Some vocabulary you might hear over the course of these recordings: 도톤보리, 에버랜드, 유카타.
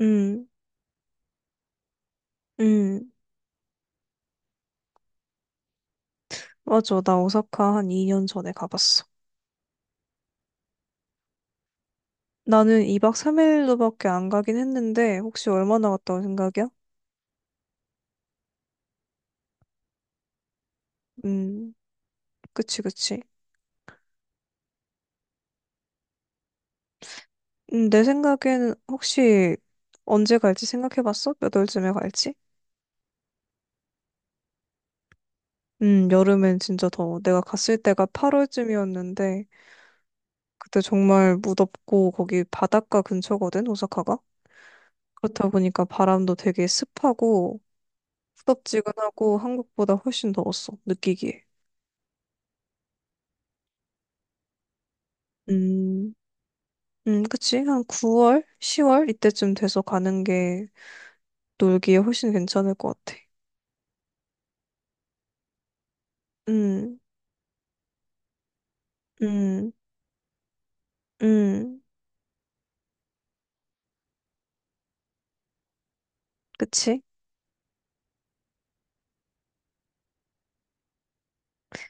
음, 음, 맞아. 나 오사카 한 2년 전에 가봤어. 나는 2박 3일로밖에 안 가긴 했는데, 혹시 얼마나 갔다 온 생각이야? 음, 그치, 그치. 내 생각에는 혹시 언제 갈지 생각해봤어? 몇 월쯤에 갈지? 여름엔 진짜 더워. 내가 갔을 때가 8월쯤이었는데, 그때 정말 무덥고, 거기 바닷가 근처거든, 오사카가? 그렇다 보니까 바람도 되게 습하고, 후덥지근하고, 한국보다 훨씬 더웠어, 느끼기에. 음. 그치? 한 9월, 10월 이때쯤 돼서 가는 게 놀기에 훨씬 괜찮을 것 같아. 음, 음, 음, 그치?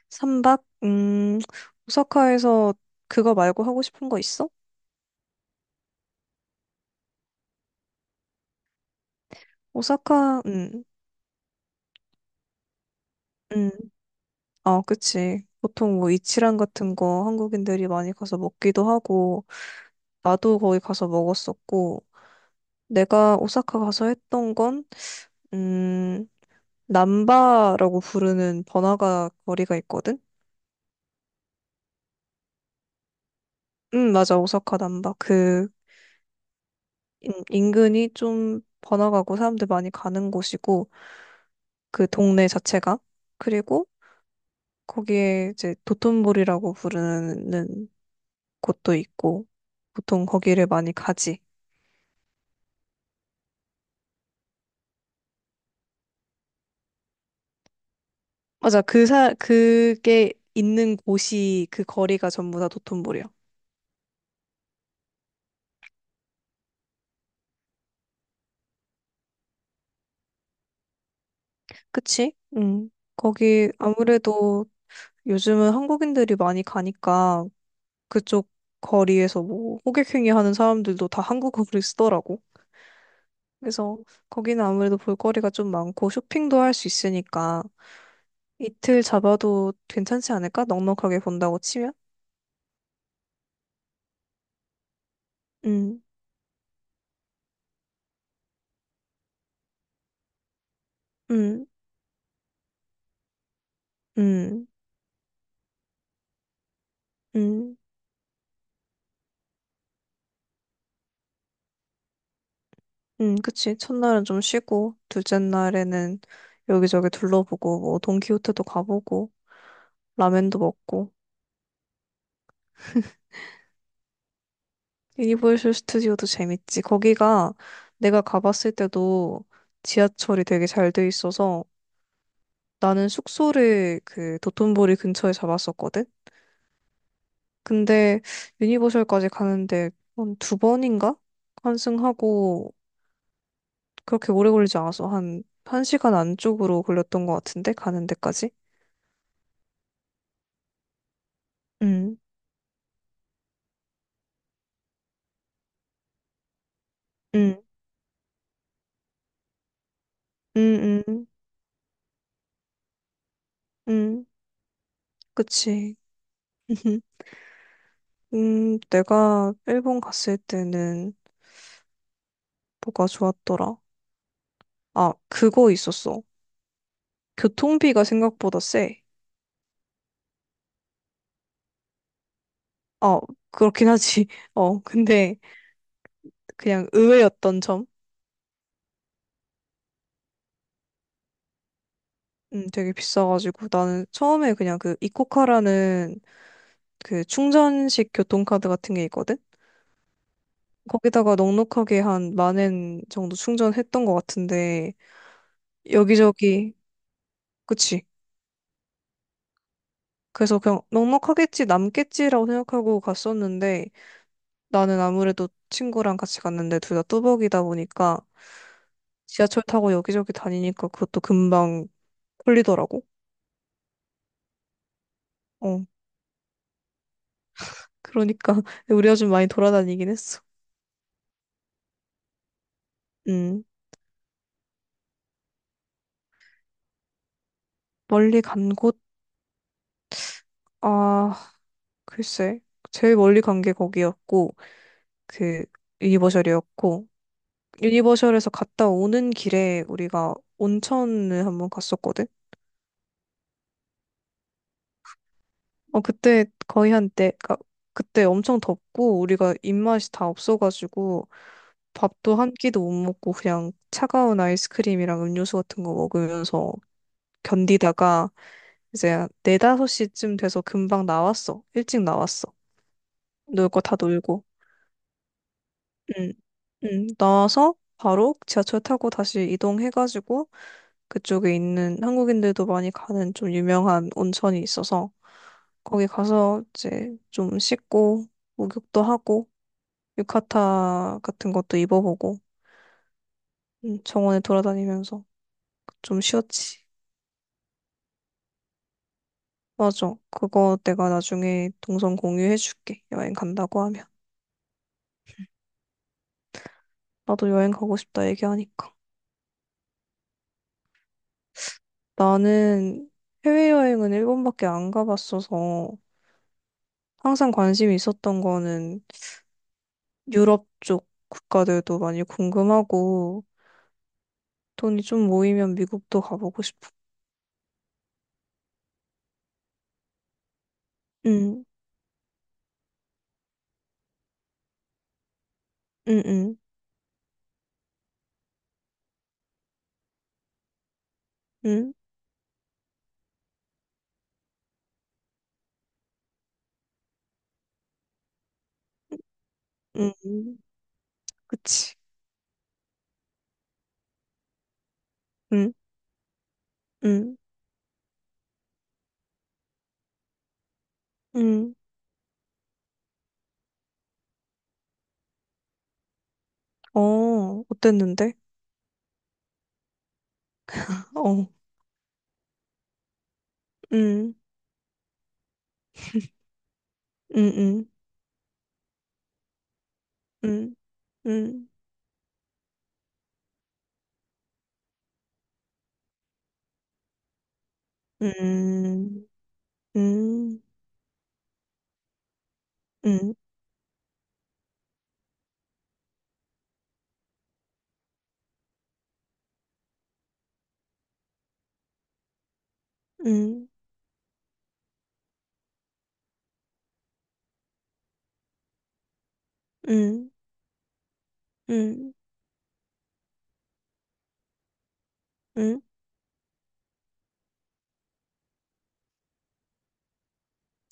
삼박 오사카에서 그거 말고 하고 싶은 거 있어? 오사카, 음, 어, 그치. 보통 뭐 이치란 같은 거 한국인들이 많이 가서 먹기도 하고, 나도 거기 가서 먹었었고, 내가 오사카 가서 했던 건, 음, 남바라고 부르는 번화가 거리가 있거든? 맞아. 오사카 남바. 인근이 좀 번화가고 사람들 많이 가는 곳이고, 그 동네 자체가. 그리고 거기에 이제 도톤보리라고 부르는 곳도 있고, 보통 거기를 많이 가지. 맞아. 그게 있는 곳이 그 거리가 전부 다 도톤보리야. 그치? 음. 거기 아무래도 요즘은 한국인들이 많이 가니까 그쪽 거리에서 뭐 호객행위 하는 사람들도 다 한국어를 쓰더라고. 그래서 거기는 아무래도 볼거리가 좀 많고 쇼핑도 할 수 있으니까 이틀 잡아도 괜찮지 않을까? 넉넉하게 본다고 치면? 음, 음, 음, 음, 그치. 첫날은 좀 쉬고, 둘째 날에는 여기저기 둘러보고, 뭐, 돈키호테도 가보고, 라면도 먹고, 유니버셜 스튜디오도 재밌지. 거기가 내가 가봤을 때도 지하철이 되게 잘 돼 있어서 나는 숙소를 그 도톤보리 근처에 잡았었거든? 근데 유니버셜까지 가는데 한 두 번인가? 환승하고 그렇게 오래 걸리지 않아서 한, 한 시간 안쪽으로 걸렸던 것 같은데? 가는 데까지? 응, 응, 응, 응, 응. 그치. 내가 일본 갔을 때는 뭐가 좋았더라? 아, 그거 있었어. 교통비가 생각보다 세. 어, 그렇긴 하지. 어, 근데 그냥 의외였던 점? 되게 비싸가지고 나는 처음에 그냥 그 이코카라는 그 충전식 교통카드 같은 게 있거든? 거기다가 넉넉하게 한 1만 엔 정도 충전했던 것 같은데, 여기저기, 그치? 그래서 그냥 넉넉하겠지, 남겠지라고 생각하고 갔었는데, 나는 아무래도 친구랑 같이 갔는데 둘 다 뚜벅이다 보니까 지하철 타고 여기저기 다니니까 그것도 금방 홀리더라고. 어, 그러니까 우리가 좀 많이 돌아다니긴 했어. 음, 멀리 간 곳, 아, 글쎄. 제일 멀리 간 게 거기였고, 그 유니버셜이었고 유니버셜에서 갔다 오는 길에 우리가 온천을 한번 갔었거든. 어, 그때 거의 한때 그때 엄청 덥고 우리가 입맛이 다 없어가지고 밥도 한 끼도 못 먹고 그냥 차가운 아이스크림이랑 음료수 같은 거 먹으면서 견디다가 이제 4~5시쯤 돼서 금방 나왔어. 일찍 나왔어. 놀 거 다 놀고. 응, 응. 나와서 바로 지하철 타고 다시 이동해가지고 그쪽에 있는 한국인들도 많이 가는 좀 유명한 온천이 있어서 거기 가서 이제 좀 씻고 목욕도 하고 유카타 같은 것도 입어보고 정원에 돌아다니면서 좀 쉬었지. 맞아. 그거 내가 나중에 동선 공유해줄게. 여행 간다고 하면. 나도 여행 가고 싶다 얘기하니까. 나는 해외여행은 일본밖에 안 가봤어서 항상 관심이 있었던 거는 유럽 쪽 국가들도 많이 궁금하고 돈이 좀 모이면 미국도 가보고 싶어. 응, 응, 응, 응, 응, 응. 그치. 응, 응, 응. 어, 어땠는데? 어, 응, 응, 응, 응, 응, 응, 응, 응, 응, 응, 응, 응,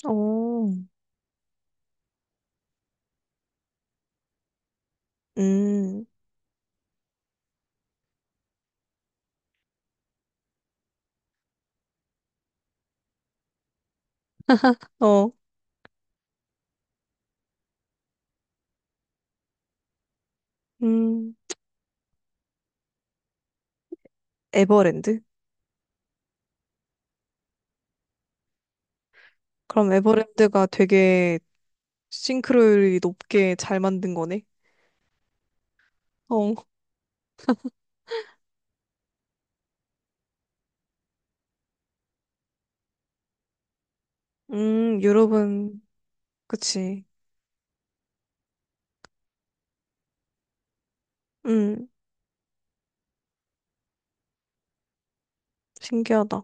어, 응, 어, 음, 에버랜드? 그럼 에버랜드가 되게 싱크로율이 높게 잘 만든 거네. 어, 유럽은, 그치. 음, 신기하다.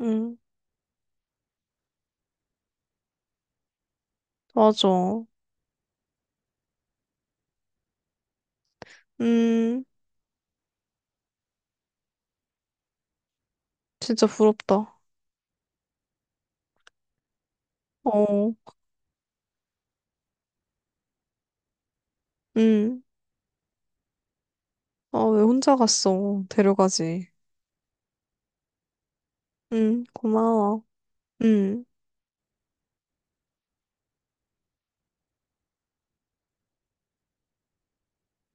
음, 맞아. 음, 진짜 부럽다. 어, 음, 아, 왜 혼자 갔어? 데려가지. 고마워. 음,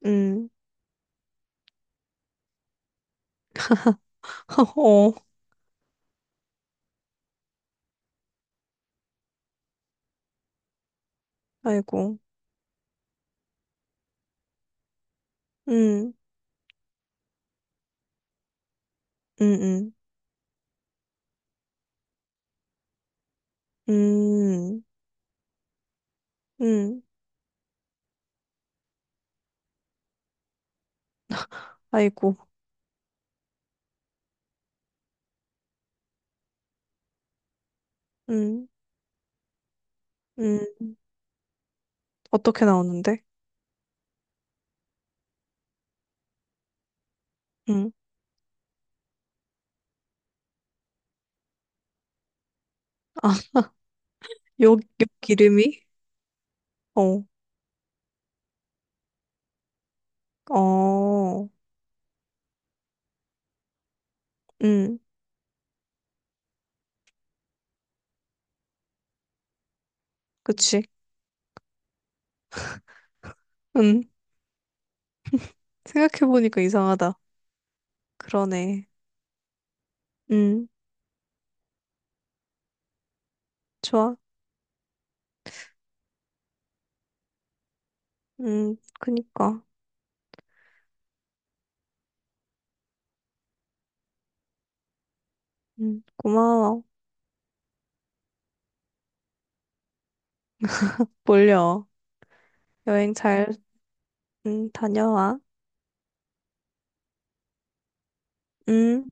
음, 어, 아이고. 음, 음, 음, 음, 음, 아이고. 음, 음, 어떻게 나오는데? 음, 아, 욕 이름이? 어, 어. 응, 그치. 응, 생각해보니까 이상하다. 그러네. 응, 좋아. 응, 그니까. 응, 고마워. 몰려. 여행 잘, 응, 다녀와. 응.